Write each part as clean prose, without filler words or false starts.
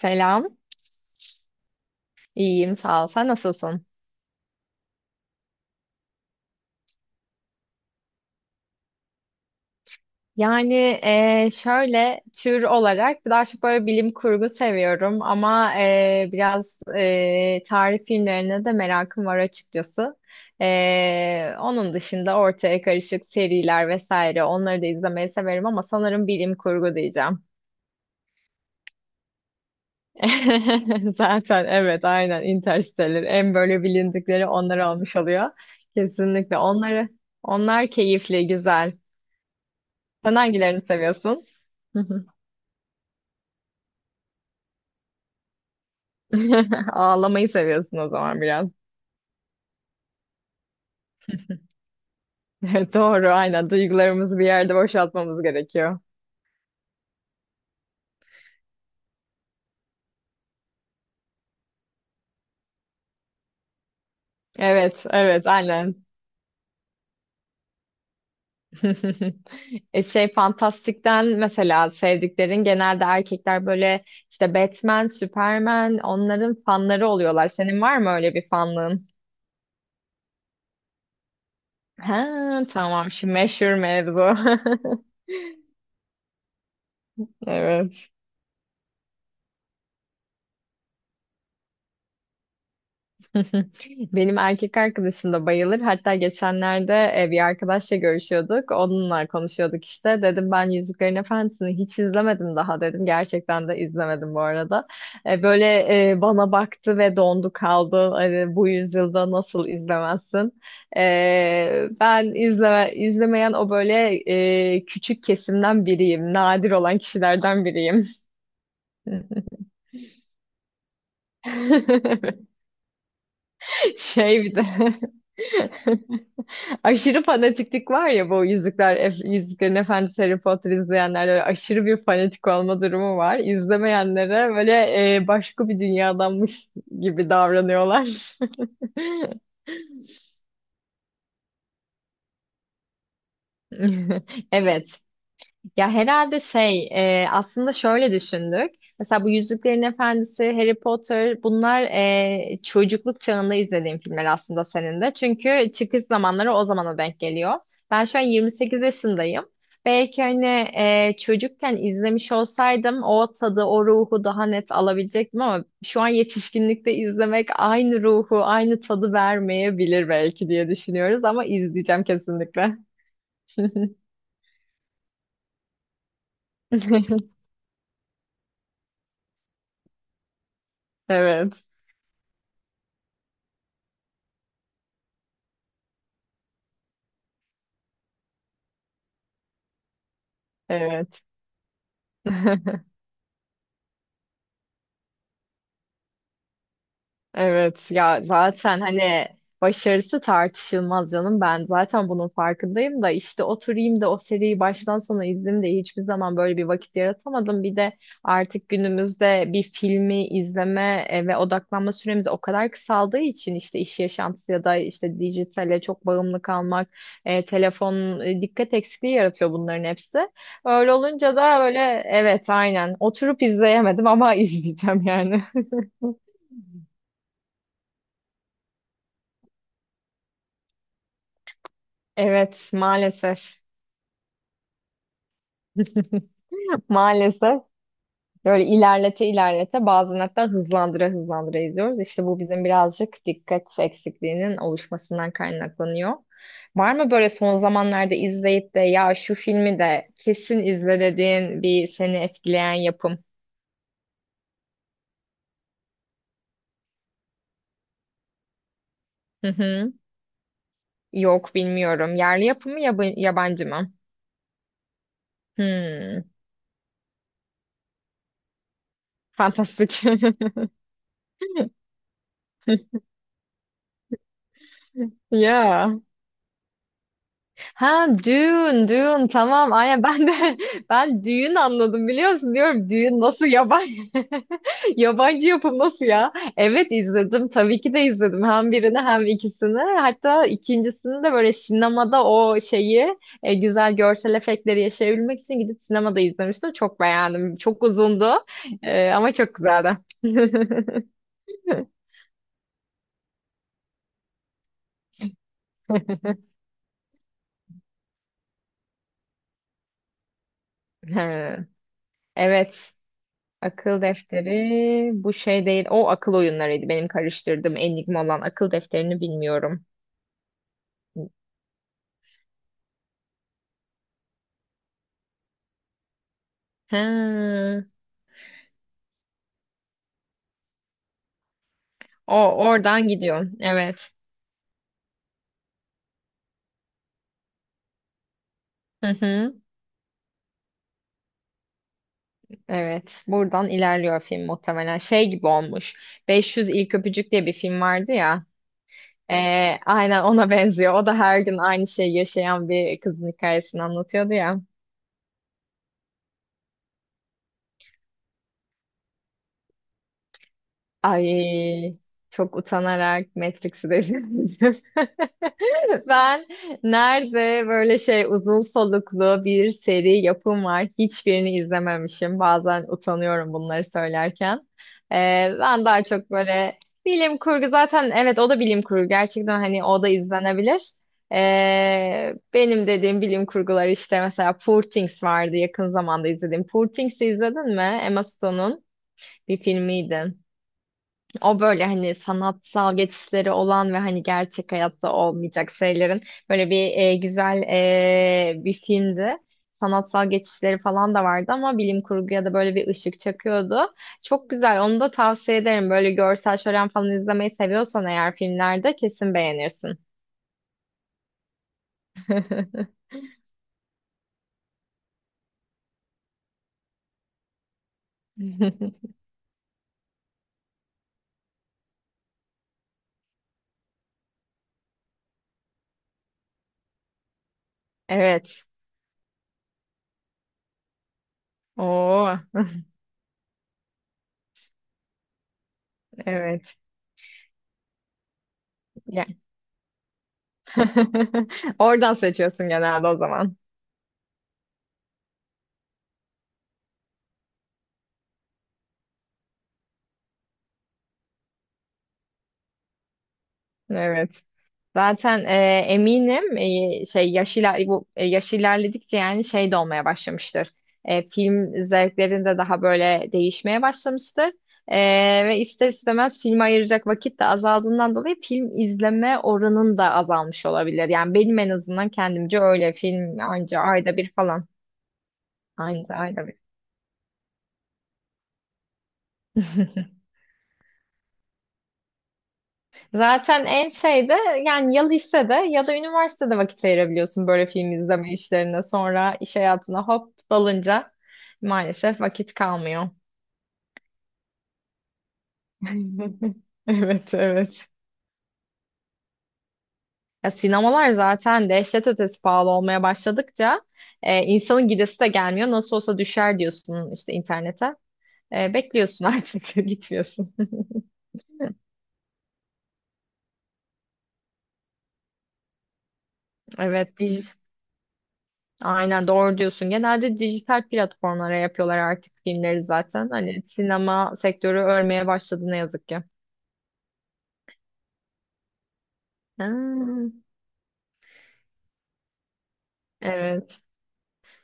Selam. İyiyim, sağ ol. Sen nasılsın? Şöyle tür olarak daha çok böyle bilim kurgu seviyorum ama biraz tarih filmlerine de merakım var açıkçası. Onun dışında ortaya karışık seriler vesaire onları da izlemeyi severim ama sanırım bilim kurgu diyeceğim. Zaten evet aynen Interstellar en böyle bilindikleri onlar olmuş oluyor. Kesinlikle onlar keyifli, güzel. Sen hangilerini seviyorsun? Hı hı. Ağlamayı seviyorsun o zaman biraz. Doğru, aynen. Duygularımızı bir yerde boşaltmamız gerekiyor. Evet, evet, aynen. Fantastik'ten mesela sevdiklerin genelde erkekler böyle işte Batman, Superman onların fanları oluyorlar. Senin var mı öyle bir fanlığın? Ha, tamam şu meşhur mevzu. Evet. Benim erkek arkadaşım da bayılır. Hatta geçenlerde bir arkadaşla görüşüyorduk. Onunla konuşuyorduk işte. Dedim ben Yüzüklerin Efendisi'ni hiç izlemedim daha dedim. Gerçekten de izlemedim bu arada. Böyle bana baktı ve dondu kaldı. Hani bu yüzyılda nasıl izlemezsin? İzlemeyen o böyle küçük kesimden biriyim. Nadir olan kişilerden biriyim. Şey bir de... Aşırı fanatiklik var ya bu Yüzüklerin Efendisi Harry Potter izleyenlerle aşırı bir fanatik olma durumu var. İzlemeyenlere böyle başka bir dünyadanmış gibi davranıyorlar. Evet. Ya herhalde şey Aslında şöyle düşündük. Mesela bu Yüzüklerin Efendisi, Harry Potter bunlar çocukluk çağında izlediğim filmler aslında senin de. Çünkü çıkış zamanları o zamana denk geliyor. Ben şu an 28 yaşındayım. Belki hani çocukken izlemiş olsaydım o tadı, o ruhu daha net alabilecektim ama şu an yetişkinlikte izlemek aynı ruhu, aynı tadı vermeyebilir belki diye düşünüyoruz ama izleyeceğim kesinlikle. Evet, evet. Evet ya zaten hani başarısı tartışılmaz canım ben zaten bunun farkındayım da işte oturayım da o seriyi baştan sona izleyeyim de hiçbir zaman böyle bir vakit yaratamadım. Bir de artık günümüzde bir filmi izleme ve odaklanma süremiz o kadar kısaldığı için işte iş yaşantısı ya da işte dijitale çok bağımlı kalmak, telefon, dikkat eksikliği yaratıyor bunların hepsi. Öyle olunca da öyle evet aynen oturup izleyemedim ama izleyeceğim yani. Evet, maalesef. Maalesef. Böyle ilerlete ilerlete bazen hatta hızlandıra hızlandıra izliyoruz. İşte bu bizim birazcık dikkat eksikliğinin oluşmasından kaynaklanıyor. Var mı böyle son zamanlarda izleyip de ya şu filmi de kesin izle dediğin bir seni etkileyen yapım? Hı hı. Yok bilmiyorum. Yerli yapımı yabancı mı? Hmm. Fantastik. Ya. Ha düğün düğün tamam aynen ben de ben düğün anladım biliyor musun diyorum düğün nasıl yabancı yabancı yapım nasıl ya evet izledim tabii ki de izledim hem birini hem ikisini hatta ikincisini de böyle sinemada o şeyi güzel görsel efektleri yaşayabilmek için gidip sinemada izlemiştim çok beğendim çok uzundu. Ama çok güzeldi. He, evet. Akıl defteri bu şey değil. O akıl oyunlarıydı. Benim karıştırdığım Enigma olan akıl defterini bilmiyorum. Ha, o oradan gidiyorsun. Evet. Hı hı. Evet. Buradan ilerliyor film muhtemelen. Şey gibi olmuş. 500 İlk Öpücük diye bir film vardı ya. Ee, aynen ona benziyor. O da her gün aynı şeyi yaşayan bir kızın hikayesini anlatıyordu ya. Ay, çok utanarak Matrix'i de izledim. Ben nerede böyle şey uzun soluklu bir seri yapım var hiçbirini izlememişim. Bazen utanıyorum bunları söylerken. Ee, Ben daha çok böyle bilim kurgu zaten, evet o da bilim kurgu gerçekten hani o da izlenebilir. Benim dediğim bilim kurgular işte mesela Poor Things vardı yakın zamanda izlediğim. Poor Things'i izledin mi? Emma Stone'un bir filmiydi. O böyle hani sanatsal geçişleri olan ve hani gerçek hayatta olmayacak şeylerin böyle bir güzel bir filmdi. Sanatsal geçişleri falan da vardı ama bilim kurguya da böyle bir ışık çakıyordu. Çok güzel. Onu da tavsiye ederim. Böyle görsel şölen falan izlemeyi seviyorsan eğer filmlerde kesin beğenirsin. Evet. Oo, evet. Yani. Oradan seçiyorsun genelde o zaman. Evet. Zaten eminim yaş ilerledikçe yani şey de olmaya başlamıştır. Film zevklerin de daha böyle değişmeye başlamıştır. E, Ve ister istemez filme ayıracak vakit de azaldığından dolayı film izleme oranın da azalmış olabilir. Yani benim en azından kendimce öyle, film anca ayda bir falan. Anca ayda bir. Zaten en şeyde yani ya lisede ya da üniversitede vakit ayırabiliyorsun böyle film izleme işlerine. Sonra iş hayatına hop dalınca maalesef vakit kalmıyor. Evet, evet. Ya sinemalar zaten dehşet ötesi pahalı olmaya başladıkça insanın gidesi de gelmiyor. Nasıl olsa düşer diyorsun işte internete. Bekliyorsun artık gitmiyorsun. Evet, dij- Aynen doğru diyorsun. Genelde dijital platformlara yapıyorlar artık filmleri zaten. Hani sinema sektörü ölmeye başladı ne yazık ki. Ha, evet.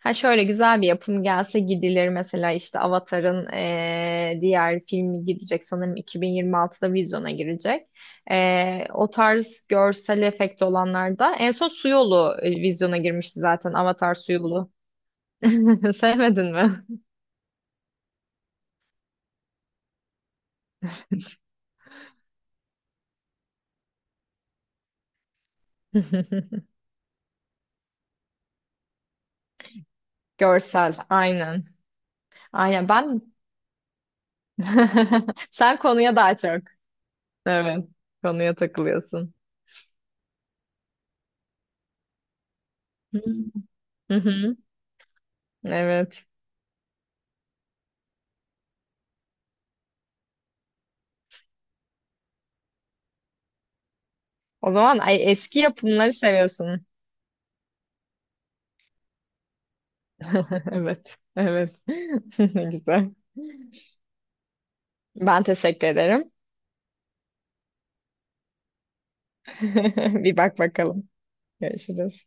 Ha şöyle güzel bir yapım gelse gidilir mesela işte Avatar'ın diğer filmi gidecek sanırım 2026'da vizyona girecek. O tarz görsel efekt olanlarda en son Su Yolu vizyona girmişti zaten, Avatar Su Yolu. Sevmedin mi? Görsel aynen. Aynen. Sen konuya daha çok. Evet. Konuya takılıyorsun. Hı hı. Hı. Evet. O zaman ay, eski yapımları seviyorsun. Evet. Evet. Ne güzel. Ben teşekkür ederim. Bir bak bakalım. Görüşürüz.